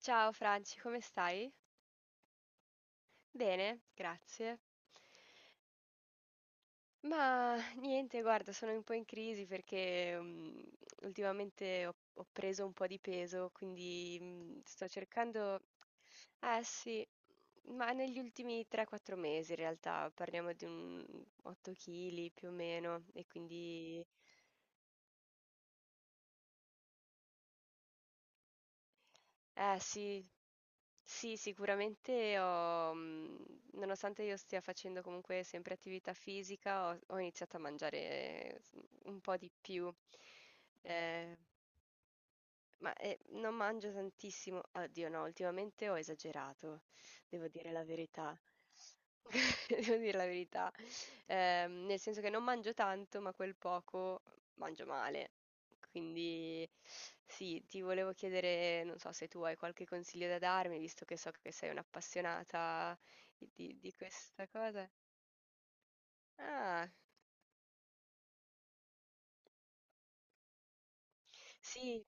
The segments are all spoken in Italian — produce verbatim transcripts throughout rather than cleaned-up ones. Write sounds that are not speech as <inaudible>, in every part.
Ciao Franci, come stai? Bene, grazie. Ma niente, guarda, sono un po' in crisi perché mm, ultimamente ho, ho preso un po' di peso, quindi mm, sto cercando. Eh sì, ma negli ultimi tre o quattro mesi in realtà parliamo di un otto chili più o meno e quindi. Eh sì, sì, sicuramente ho, mhmm, nonostante io stia facendo comunque sempre attività fisica, ho ho iniziato a mangiare eh, s un po' di più. Ehm, ma, ehm, non mangio tantissimo, oddio no, ultimamente ho esagerato, devo dire la verità. <laughs> Devo dir la verità. Ehm, nel senso che non mangio tanto, ma quel poco mangio male. Quindi sì, ti volevo chiedere, non so se tu hai qualche consiglio da darmi, visto che so che sei un'appassionata di, di- di questa cosa. Ah, sì,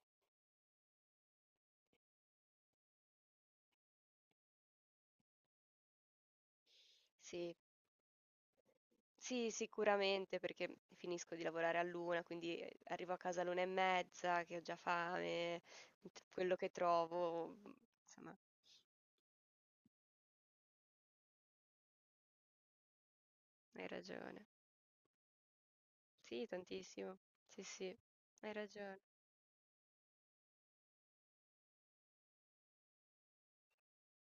sì, sì, sicuramente, perché finisco di lavorare all'una, quindi eh, arrivo a casa all'una e mezza, che ho già fame, quello che trovo, insomma, hai ragione. Sì, tantissimo. Sì, sì, hai ragione.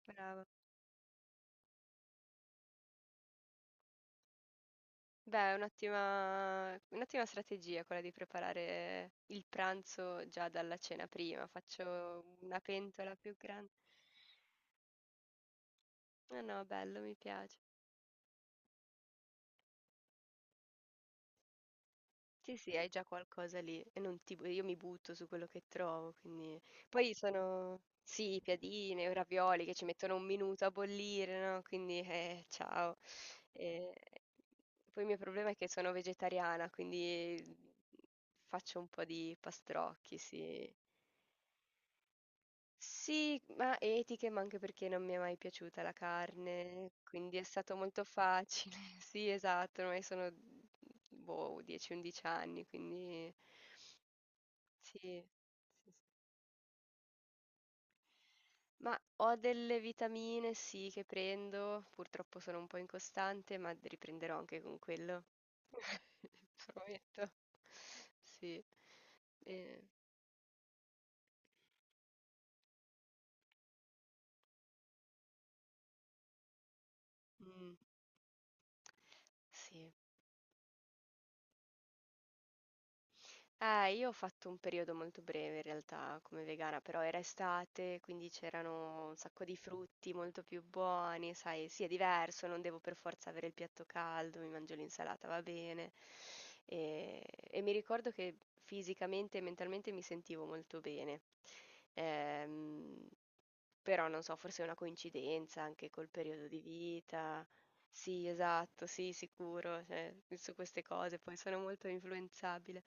Brava. Beh, è un'ottima un'ottima strategia quella di preparare il pranzo già dalla cena prima. Faccio una pentola più grande. No, no, bello, mi piace. Sì, sì, hai già qualcosa lì e non ti bu io mi butto su quello che trovo, quindi poi sono sì, piadine, ravioli che ci mettono un minuto a bollire, no, quindi, eh, ciao. Ehm, poi il mio problema è che sono vegetariana, quindi faccio un po' di pastrocchi, sì. Sì, ma etiche, ma anche perché non mi è mai piaciuta la carne, quindi è stato molto facile. <laughs> Sì, esatto, ormai sono, boh, dieci undici anni, quindi sì. Sì, sì. Ma ho delle vitamine, sì, che prendo, purtroppo sono un po' incostante, ma riprenderò anche con quello. <laughs> Prometto. Sì. Eh, mm. Sì. Eh, io ho fatto un periodo molto breve in realtà come vegana, però era estate, quindi c'erano un sacco di frutti molto più buoni, sai, sì, è diverso, non devo per forza avere il piatto caldo, mi mangio l'insalata, va bene. E, e mi ricordo che fisicamente e mentalmente mi sentivo molto bene. Ehm, però non so, forse è una coincidenza anche col periodo di vita. Sì, esatto, sì, sicuro, cioè, su queste cose poi sono molto influenzabile.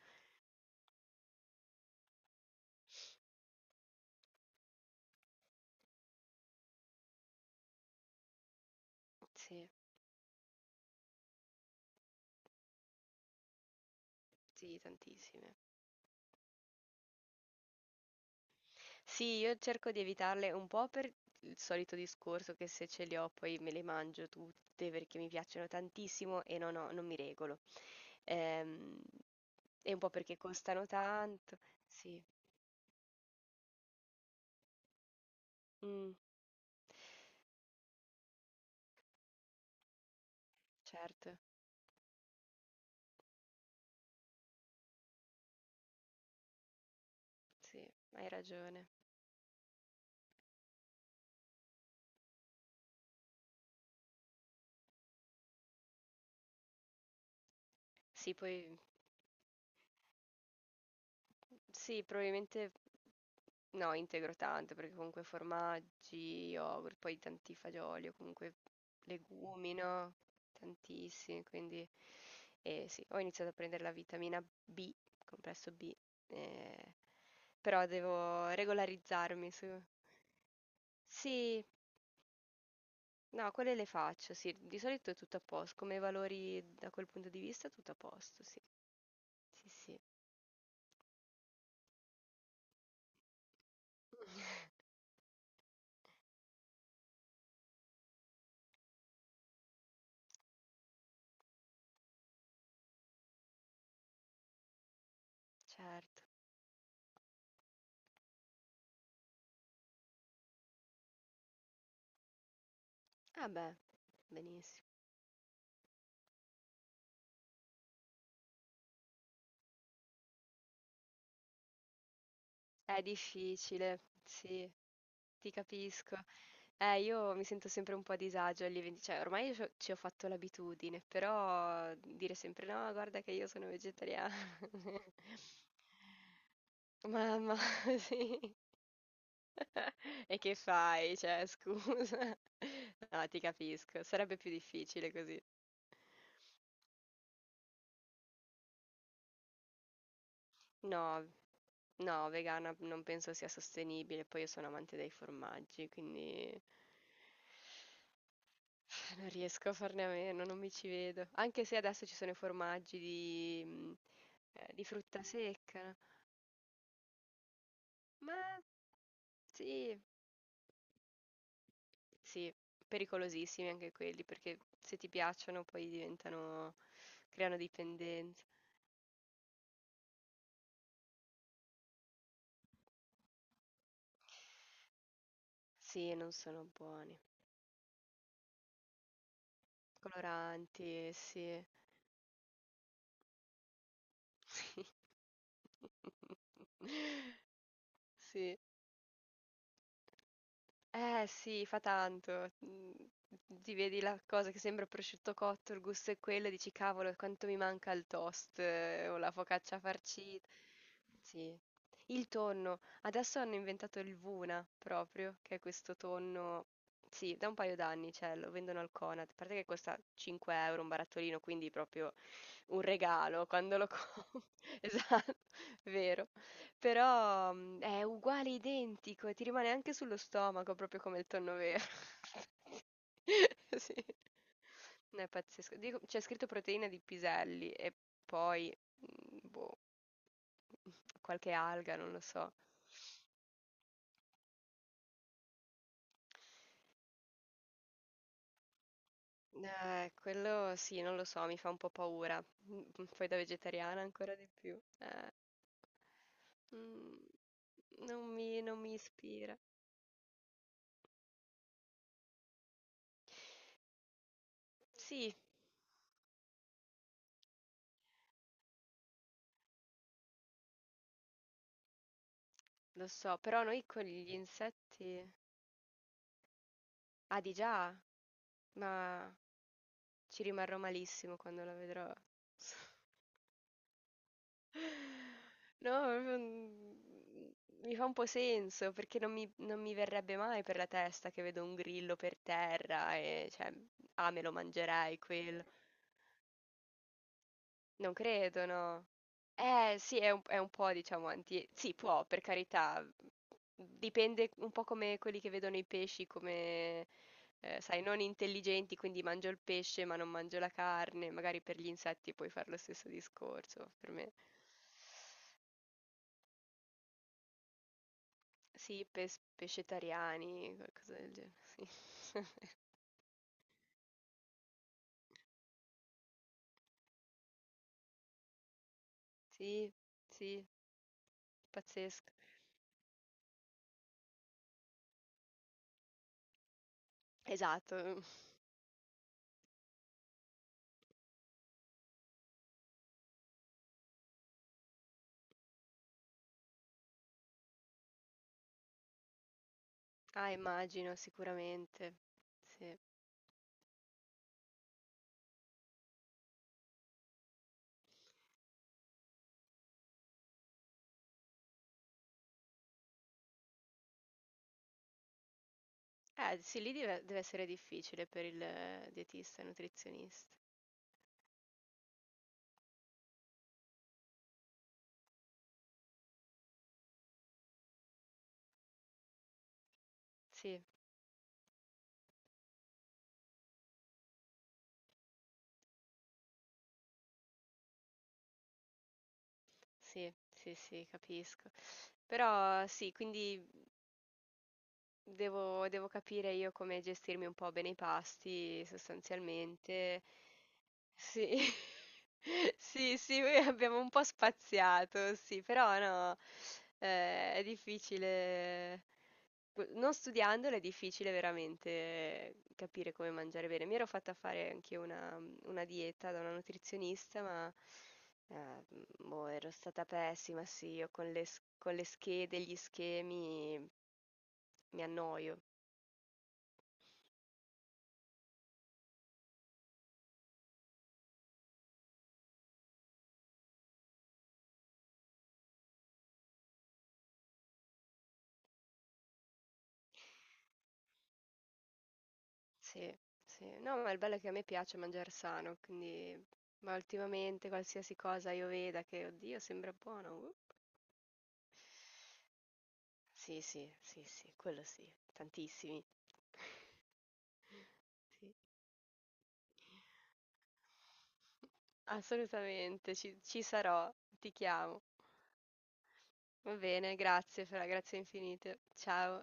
Sì, sì, tantissime. Sì, io cerco di evitarle un po' per il solito discorso che se ce li ho poi me le mangio tutte perché mi piacciono tantissimo e non ho- non mi regolo. Ehm, e un po' perché costano tanto. Sì, mm, certo, sì, hai ragione. Sì, poi sì, probabilmente no, integro tanto perché comunque formaggi, yogurt, poi tanti fagioli o comunque legumi, no? Tantissimi, quindi. E sì, ho iniziato a prendere la vitamina B, complesso B, ehm, però devo regolarizzarmi su. Sì, no, quelle le faccio, sì, di solito è tutto a posto, come valori da quel punto di vista tutto a posto, sì, sì, sì. <laughs> Certo. Ah beh, benissi è difficile, sì, ti capisco. Eh, io mi sento sempre un po' a disagio agli eventi, cioè ormai ci ho ci ho fatto l'abitudine, però dire sempre no, guarda che io sono vegetariana. <laughs> Mamma, <laughs> sì. <laughs> E che fai? Cioè, scusa. <laughs> No, ti capisco, sarebbe più difficile così. No, no, vegana non penso sia sostenibile, poi io sono amante dei formaggi, quindi. Eh, Non riesco a farne a meno, non mi ci vedo. Anche se adesso ci sono i formaggi di, mhmm, ehm, di frutta secca, no? Ma sì, sì, pericolosissimi anche quelli, perché se ti piacciono poi diventano creano dipendenza. Sì, non sono buoni. Coloranti, eh, sì, <laughs> sì. Sì. Eh sì, fa tanto. Mhmm, ti vedi la cosa che sembra prosciutto cotto, il gusto è quello e dici: "Cavolo, quanto mi manca il toast eh, o la focaccia farcita". Sì. Il tonno. Adesso hanno inventato il Vuna proprio, che è questo tonno, sì, da un paio d'anni c'è, lo vendono al Conad. A parte che costa cinque euro € un barattolino, quindi proprio un regalo quando lo com <laughs> esatto, vero. Però, mhmm, è uguale, identico, e ti rimane anche sullo stomaco, proprio come il tonno vero. <laughs> Sì. No, è pazzesco. Dico c'è scritto proteina di piselli e poi, mhmm, boh, <laughs> qualche alga, non lo so. Eh, quello sì, non lo so, mi fa un po' paura. Mh, mh, poi da vegetariana ancora di più. Eh. Mhmm, non mi non mi ispira. Sì, lo so, però noi con gli insetti. Ah, di già? Ma ci rimarrò malissimo quando la vedrò. <laughs> No, proprio, mm, mi fa un po' senso perché non mi, non mi verrebbe mai per la testa che vedo un grillo per terra e cioè, ah, me lo mangerei quello. Non credo, no. Eh, sì, è un, è un po', diciamo, anti. Sì, può, per carità. Dipende un po' come quelli che vedono i pesci come, eh, sai, non intelligenti, quindi mangio il pesce ma non mangio la carne. Magari per gli insetti puoi fare lo stesso discorso, per me. Sì, pes- pescetariani, qualcosa del genere, sì. <laughs> Sì, sì, pazzesco. Esatto. Ah, immagino, sicuramente. Sì. Eh, sì, lì deve deve essere difficile per il eh, dietista e nutrizionista. Sì, sì, sì, sì, capisco. Però sì, quindi devo devo capire io come gestirmi un po' bene i pasti, sostanzialmente. Sì. <laughs> Sì, sì, noi abbiamo un po' spaziato, sì, però no, eh, è difficile. P non studiandolo è difficile veramente capire come mangiare bene. Mi ero fatta fare anch'io una mm, una dieta da una nutrizionista, ma, ehm, boh, ero stata pessima, sì, io con le s con le schede, gli schemi mm, mi annoio. Sì, sì. No, ma il bello è che a me piace mangiar sano, quindi ma ultimamente qualsiasi cosa io veda che: "Oddio, sembra buono", uh. Sì, sì, sì, sì, quello sì, tantissimi. <laughs> Sì. Assolutamente, ci ci sarò, ti chiamo. Va bene, grazie Fra, grazie infinite. Ciao.